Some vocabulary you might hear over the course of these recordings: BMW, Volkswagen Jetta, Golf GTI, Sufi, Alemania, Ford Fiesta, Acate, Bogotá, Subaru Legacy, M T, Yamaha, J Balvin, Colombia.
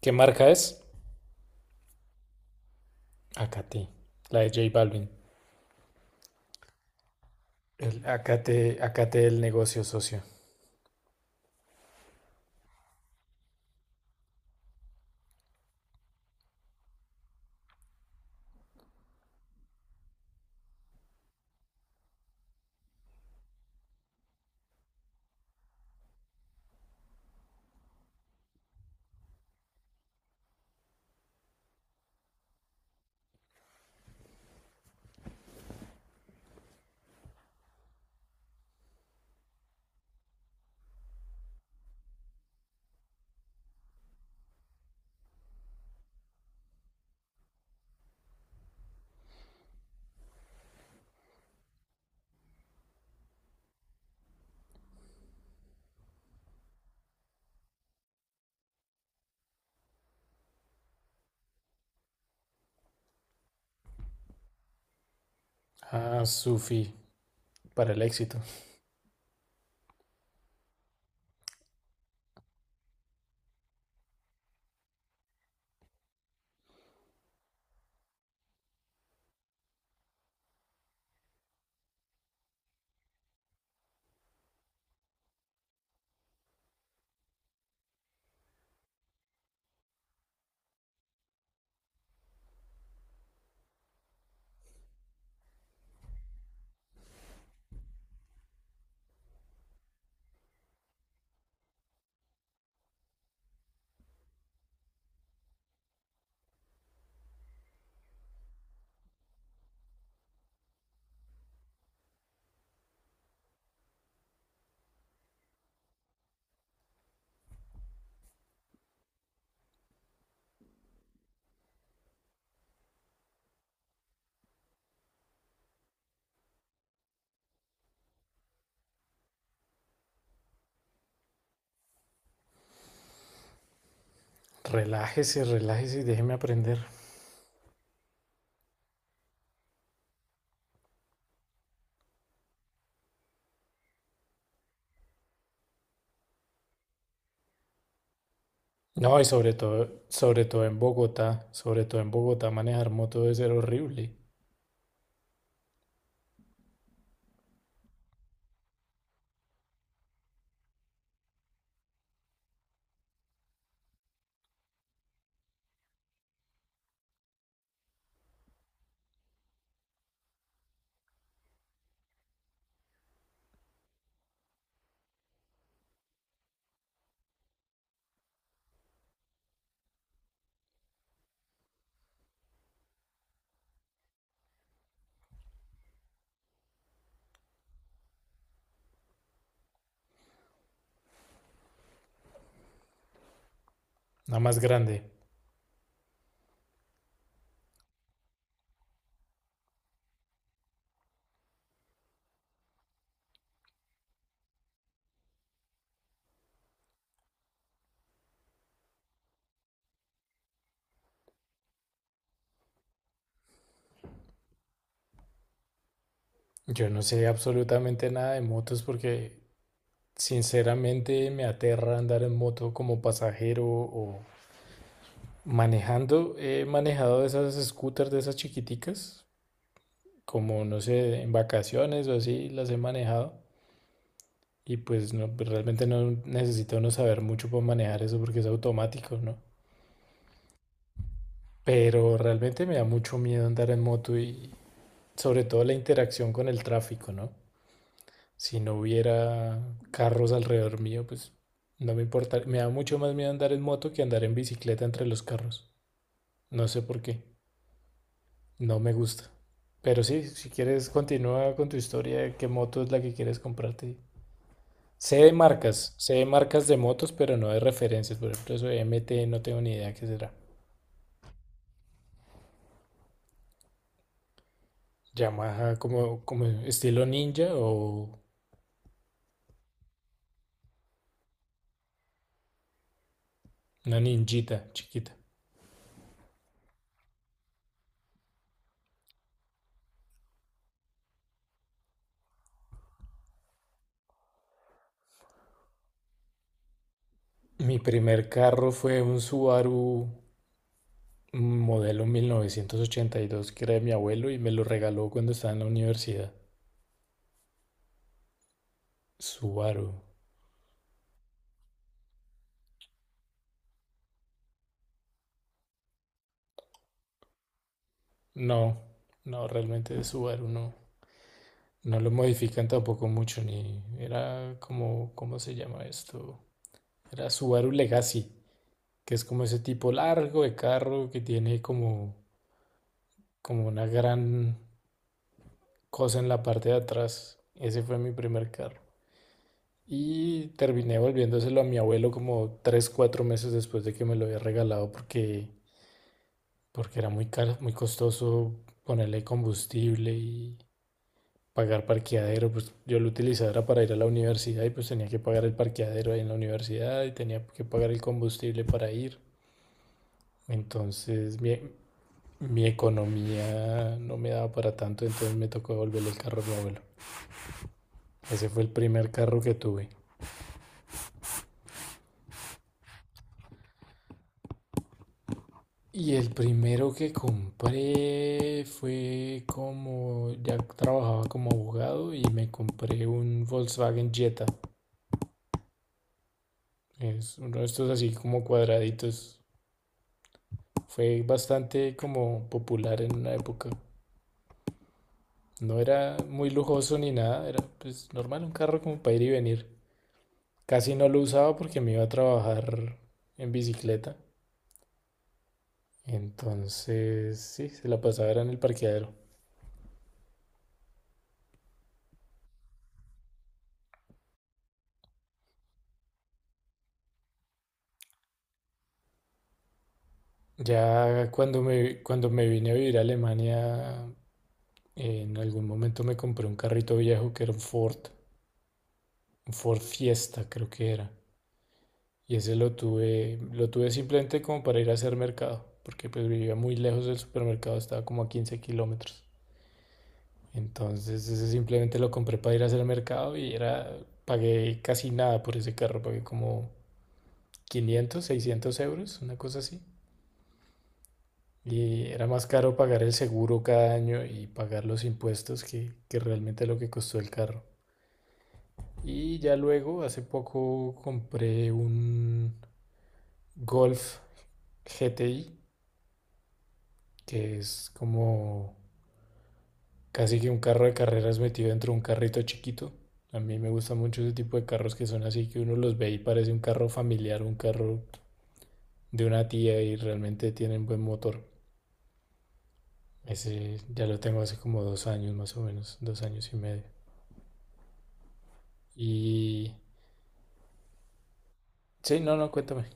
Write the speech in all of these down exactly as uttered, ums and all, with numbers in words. ¿Qué marca es? Acate, la de J Balvin. El acate, acate el negocio, socio. Ah, Sufi, para el éxito. Relájese, relájese y déjeme aprender. No, y sobre todo, sobre todo en Bogotá, sobre todo en Bogotá, manejar moto debe ser horrible. Nada más grande. Yo no sé absolutamente nada de motos porque sinceramente me aterra andar en moto como pasajero o manejando. He manejado esas scooters de esas chiquiticas, como no sé, en vacaciones o así las he manejado y pues no, pues, realmente no necesita uno saber mucho para manejar eso porque es automático, ¿no? Pero realmente me da mucho miedo andar en moto y sobre todo la interacción con el tráfico, ¿no? Si no hubiera carros alrededor mío, pues no me importa. Me da mucho más miedo andar en moto que andar en bicicleta entre los carros. No sé por qué. No me gusta. Pero sí, si quieres continúa con tu historia, ¿qué moto es la que quieres comprarte? Sé de marcas, sé de marcas de motos, pero no de referencias. Por ejemplo, eso de M T no tengo ni idea qué será. Yamaha como, como estilo ninja o una ninjita chiquita. Mi primer carro fue un Subaru modelo mil novecientos ochenta y dos que era de mi abuelo y me lo regaló cuando estaba en la universidad. Subaru. No, no, realmente de Subaru no. No lo modifican tampoco mucho, ni era como, ¿cómo se llama esto? Era Subaru Legacy, que es como ese tipo largo de carro que tiene como, como una gran cosa en la parte de atrás. Ese fue mi primer carro. Y terminé volviéndoselo a mi abuelo como tres cuatro meses después de que me lo había regalado porque, porque era muy caro, muy costoso ponerle combustible y pagar parqueadero. Pues yo lo utilizaba era para ir a la universidad y pues tenía que pagar el parqueadero ahí en la universidad y tenía que pagar el combustible para ir. Entonces, bien, mi economía no me daba para tanto, entonces me tocó devolverle el carro a mi abuelo. Ese fue el primer carro que tuve. Y el primero que compré fue como, ya trabajaba como abogado y me compré un Volkswagen Jetta. Es uno de estos así como cuadraditos. Fue bastante como popular en una época. No era muy lujoso ni nada, era pues normal, un carro como para ir y venir. Casi no lo usaba porque me iba a trabajar en bicicleta. Entonces, sí, se la pasaba era en el parqueadero. Ya cuando me, cuando me vine a vivir a Alemania, eh, en algún momento me compré un carrito viejo que era un Ford, un Ford Fiesta creo que era. Y ese lo tuve, lo tuve simplemente como para ir a hacer mercado, porque pues vivía muy lejos del supermercado, estaba como a quince kilómetros. Entonces ese simplemente lo compré para ir a hacer mercado y era, pagué casi nada por ese carro, pagué como quinientos seiscientos euros, una cosa así. Y era más caro pagar el seguro cada año y pagar los impuestos que, que realmente lo que costó el carro. Y ya luego, hace poco, compré un Golf G T I, que es como casi que un carro de carreras metido dentro de un carrito chiquito. A mí me gusta mucho ese tipo de carros que son así, que uno los ve y parece un carro familiar, un carro de una tía y realmente tienen buen motor. Ese ya lo tengo hace como dos años más o menos, dos años y medio. Y sí, no, no, cuéntame.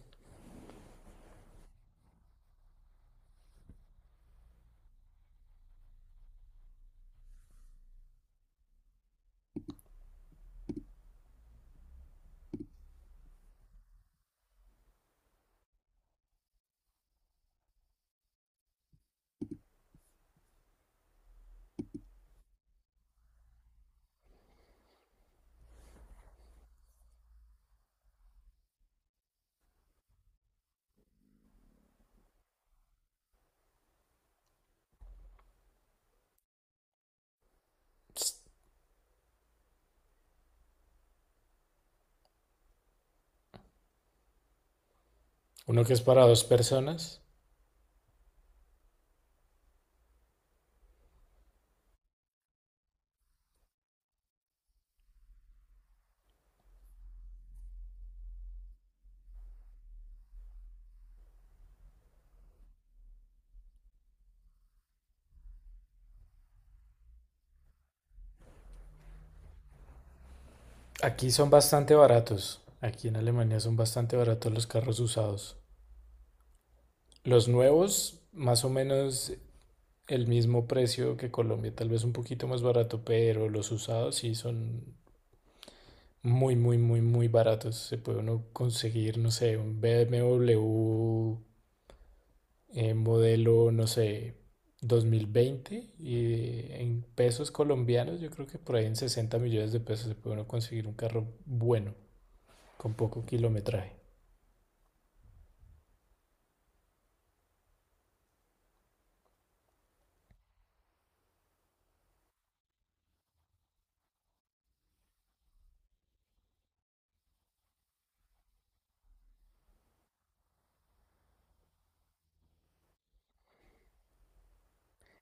Uno que es para dos personas. Aquí son bastante baratos. Aquí en Alemania son bastante baratos los carros usados. Los nuevos, más o menos el mismo precio que Colombia, tal vez un poquito más barato, pero los usados sí son muy, muy, muy, muy baratos. Se puede uno conseguir, no sé, un B M W eh, modelo, no sé, dos mil veinte y en pesos colombianos, yo creo que por ahí en sesenta millones de pesos se puede uno conseguir un carro bueno, con poco kilometraje.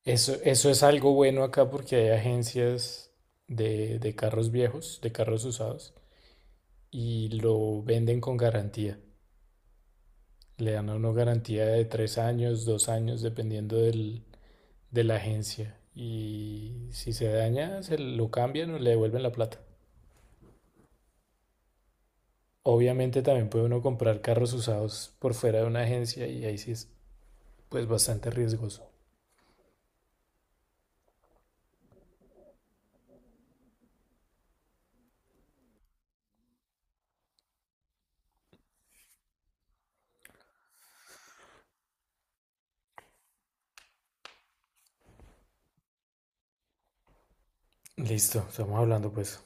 Eso, eso es algo bueno acá porque hay agencias de, de carros viejos, de carros usados, y lo venden con garantía. Le dan a uno garantía de tres años, dos años, dependiendo del- de la agencia. Y si se daña, se lo cambian o le devuelven la plata. Obviamente también puede uno comprar carros usados por fuera de una agencia y ahí sí es pues bastante riesgoso. Listo, estamos hablando pues.